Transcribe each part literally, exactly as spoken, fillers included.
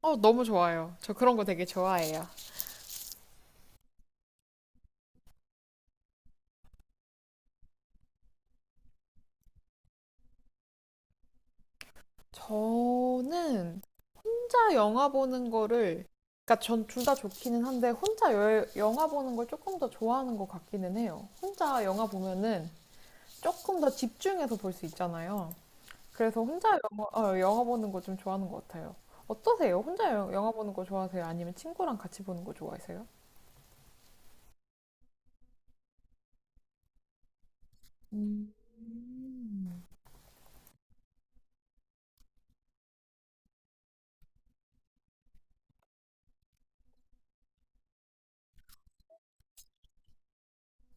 어, 너무 좋아요. 저 그런 거 되게 좋아해요. 저는 혼자 영화 보는 거를, 그러니까 전 둘 다 좋기는 한데, 혼자 여- 영화 보는 걸 조금 더 좋아하는 것 같기는 해요. 혼자 영화 보면은 조금 더 집중해서 볼 수 있잖아요. 그래서 혼자 영화, 어, 영화 보는 거 좀 좋아하는 것 같아요. 어떠세요? 혼자 여- 영화 보는 거 좋아하세요? 아니면 친구랑 같이 보는 거 좋아하세요? 음,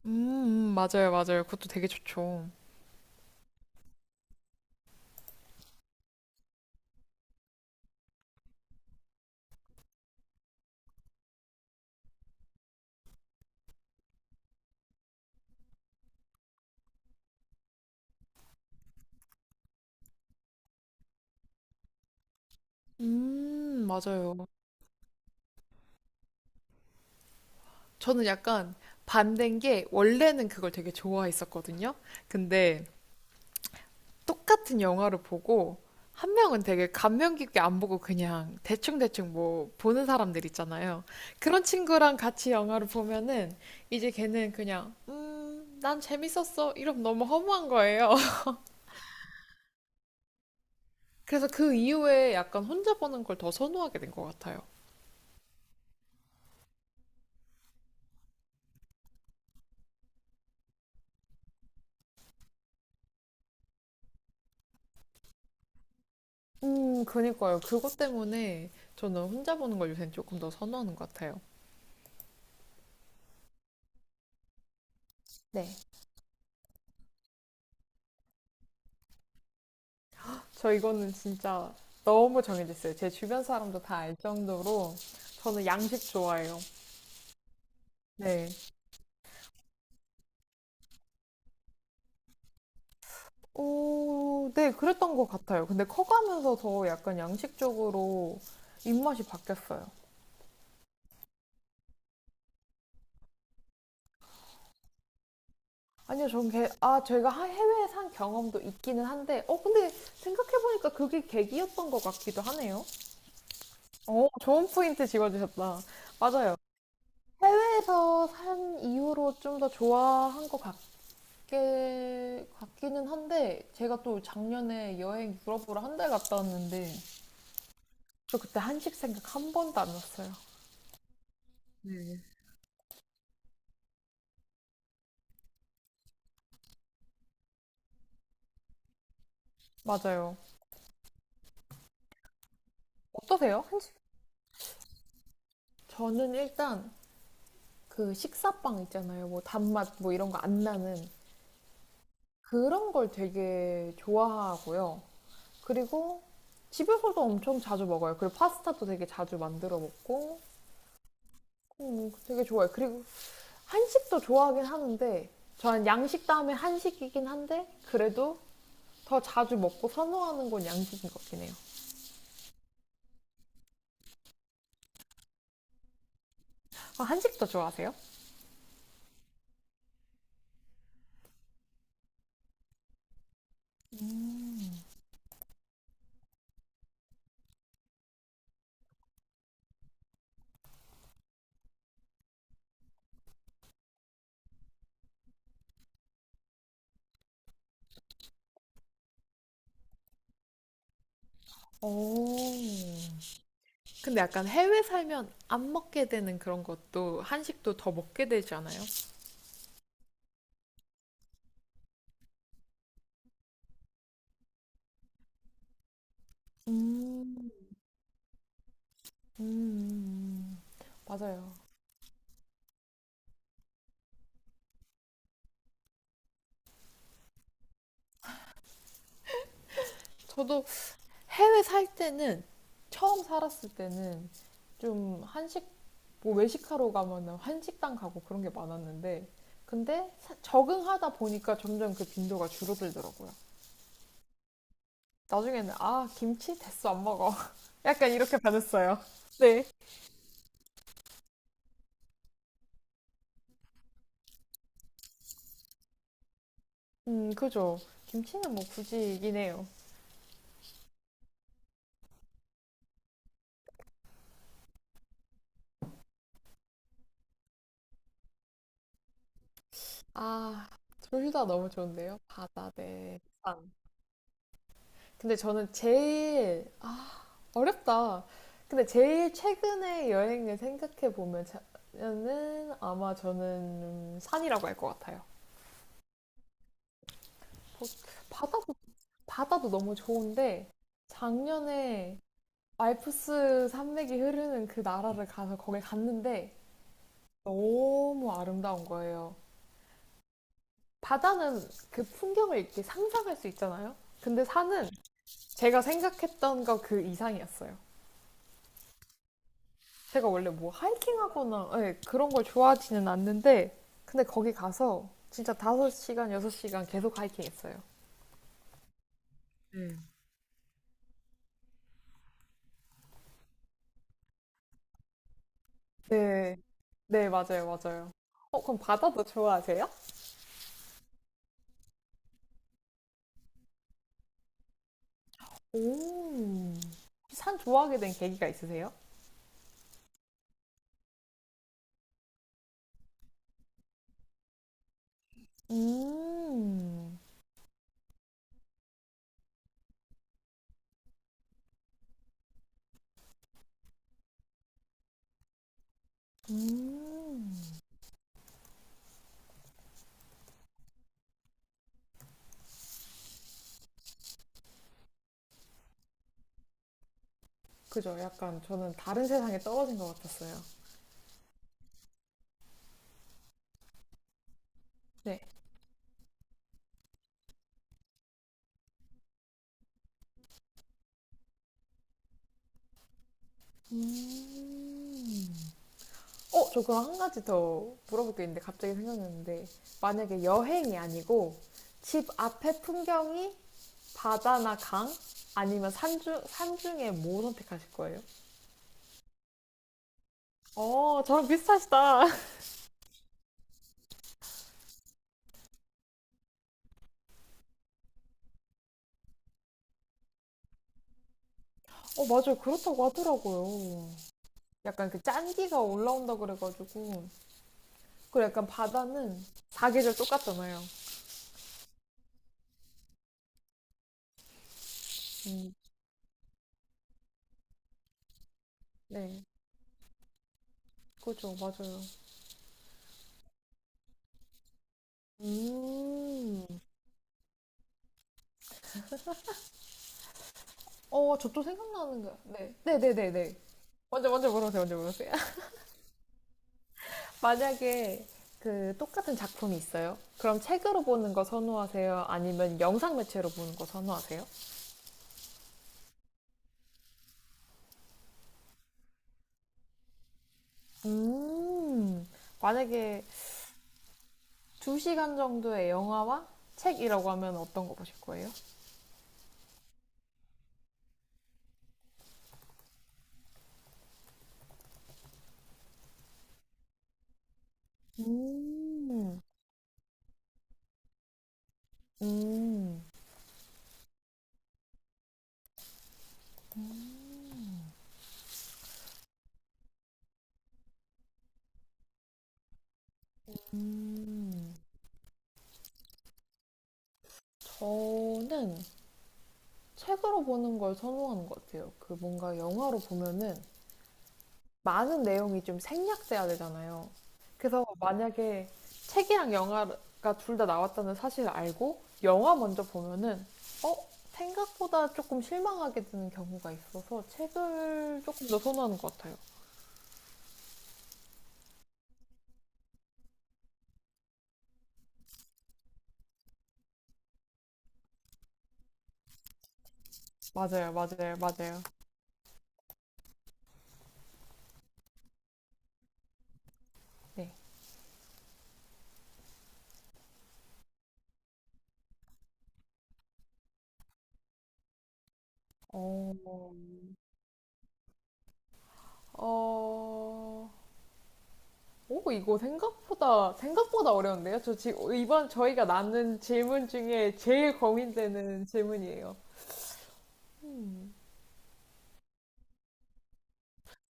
음, 음, 맞아요, 맞아요. 그것도 되게 좋죠. 음, 맞아요. 저는 약간 반대인 게 원래는 그걸 되게 좋아했었거든요. 근데 똑같은 영화를 보고 한 명은 되게 감명 깊게 안 보고 그냥 대충대충 뭐 보는 사람들 있잖아요. 그런 친구랑 같이 영화를 보면은 이제 걔는 그냥 음, 난 재밌었어. 이러면 너무 허무한 거예요. 그래서 그 이후에 약간 혼자 보는 걸 더 선호하게 된 것 같아요. 음, 그니까요. 그것 때문에 저는 혼자 보는 걸 요새 조금 더 선호하는 것 같아요. 네. 저 이거는 진짜 너무 정해졌어요. 제 주변 사람도 다 알 정도로 저는 양식 좋아해요. 네. 오, 네, 그랬던 것 같아요. 근데 커가면서 더 약간 양식 쪽으로 입맛이 바뀌었어요. 아니요, 전 개. 아, 제가 하- 해외에 산 경험도 있기는 한데, 어, 근데 생각해보니까 그게 계기였던 것 같기도 하네요. 어, 좋은 포인트 집어주셨다. 맞아요. 해외에서 산 이후로 좀 더 좋아한 것 같긴 꽤 같기는 한데 제가 또 작년에 여행 유럽으로 한 달 갔다 왔는데 저 그때 한식 생각 한 번도 안 났어요. 맞아요. 어떠세요? 한식? 저는 일단 그 식사빵 있잖아요. 뭐 단맛 뭐 이런 거 안 나는 그런 걸 되게 좋아하고요. 그리고 집에서도 엄청 자주 먹어요. 그리고 파스타도 되게 자주 만들어 먹고 음, 되게 좋아요. 그리고 한식도 좋아하긴 하는데 저는 양식 다음에 한식이긴 한데 그래도 더 자주 먹고 선호하는 건 양식인 것 같긴 해요. 아, 한식도 좋아하세요? 오. 근데 약간 해외 살면 안 먹게 되는 그런 것도 한식도 더 먹게 되지 않아요? 음, 음, 음. 맞아요. 저도 해외 살 때는 처음 살았을 때는 좀 한식 뭐 외식하러 가면은 한식당 가고 그런 게 많았는데 근데 사- 적응하다 보니까 점점 그 빈도가 줄어들더라고요. 나중에는 아, 김치 됐어, 안 먹어. 약간 이렇게 변했어요. 네. 음, 그죠. 김치는 뭐 굳이이긴 해요. 아, 둘 다 너무 좋은데요? 바다 대 산. 근데 저는 제일, 아, 어렵다. 근데 제일 최근에 여행을 생각해 보면, 는 아마 저는 산이라고 할 것 같아요. 뭐, 바다도, 바다도 너무 좋은데, 작년에 알프스 산맥이 흐르는 그 나라를 가서 거길 갔는데, 너무 아름다운 거예요. 바다는 그 풍경을 이렇게 상상할 수 있잖아요. 근데 산은 제가 생각했던 거 그 이상이었어요. 제가 원래 뭐 하이킹하거나 예, 그런 걸 좋아하지는 않는데 근데 거기 가서 진짜 다섯 시간 여섯 시간 계속 하이킹했어요. 네. 네, 네, 맞아요, 맞아요. 어, 그럼 바다도 좋아하세요? 오, 산 좋아하게 된 계기가 있으세요? 음, 음. 그죠? 약간 저는 다른 세상에 떨어진 것 같았어요. 네. 음... 어, 저 그럼 한 가지 더 물어볼 게 있는데 갑자기 생각났는데 만약에 여행이 아니고 집 앞에 풍경이 바다나 강 아니면 산중 산중에 뭐 선택하실 거예요? 어, 저랑 비슷하시다. 어, 맞아요. 그렇다고 하더라고요. 약간 그 짠기가 올라온다 그래가지고 그리고 약간 바다는 사계절 똑같잖아요. 음, 네, 그죠, 맞아요. 음. 어, 저 또 생각나는 거. 네. 네네네네. 먼저, 먼저 물어보세요, 먼저 물어보세요. 만약에 그 똑같은 작품이 있어요? 그럼 책으로 보는 거 선호하세요? 아니면 영상 매체로 보는 거 선호하세요? 음. 만약에 두 시간 정도의 영화와 책이라고 하면 어떤 거 보실 거예요? 음. 음. 음. 저는 책으로 보는 걸 선호하는 것 같아요. 그 뭔가 영화로 보면은 많은 내용이 좀 생략돼야 되잖아요. 그래서 만약에 책이랑 영화가 둘 다 나왔다는 사실을 알고 영화 먼저 보면은 어? 생각보다 조금 실망하게 되는 경우가 있어서 책을 조금 더 선호하는 것 같아요. 맞아요, 맞아요, 맞아요. 네. 어, 어, 오, 이거 생각보다, 생각보다 어려운데요? 저 지금, 이번 저희가 나눈 질문 중에 제일 고민되는 질문이에요.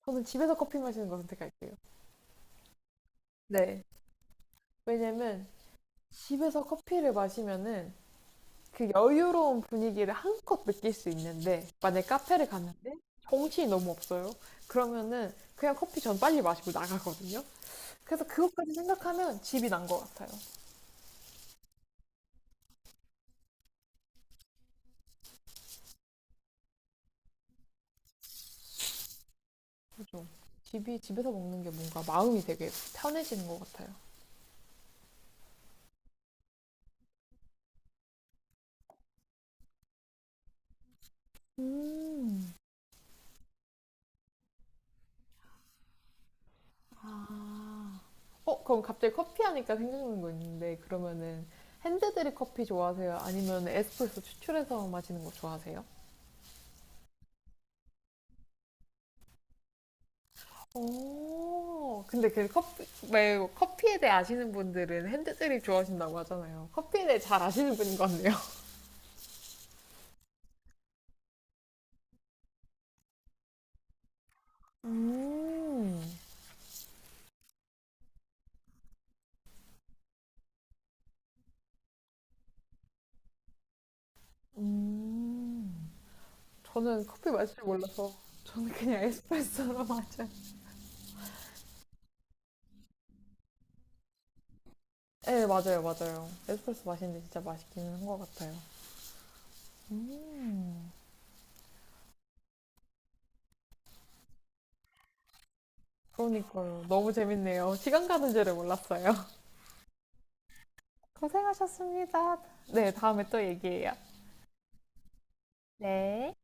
저는 집에서 커피 마시는 거 선택할게요. 네. 왜냐면 집에서 커피를 마시면은 그 여유로운 분위기를 한껏 느낄 수 있는데 만약에 카페를 갔는데 정신이 너무 없어요. 그러면은 그냥 커피 전 빨리 마시고 나가거든요. 그래서 그것까지 생각하면 집이 난 것 같아요. 좀 집이 집에서 먹는 게 뭔가 마음이 되게 편해지는 것 같아요. 음. 아. 어, 그럼 갑자기 커피 하니까 생각나는 거 있는데 그러면은 핸드드립 커피 좋아하세요? 아니면 에스프레소 추출해서 마시는 거 좋아하세요? 오. 근데 그 커피, 왜 커피에 대해 아시는 분들은 핸드 드립 좋아하신다고 하잖아요. 커피에 대해 잘 아시는 분인 것 같네요. 음, 음. 저는 커피 마실 줄 몰라서 저는 그냥 에스프레소로 마셔요. 네, 맞아요, 맞아요. 에스프레소 마시는데 진짜 맛있기는 한 것 같아요. 그러니까요. 너무 재밌네요. 시간 가는 줄을 몰랐어요. 고생하셨습니다. 네, 다음에 또 얘기해요. 네.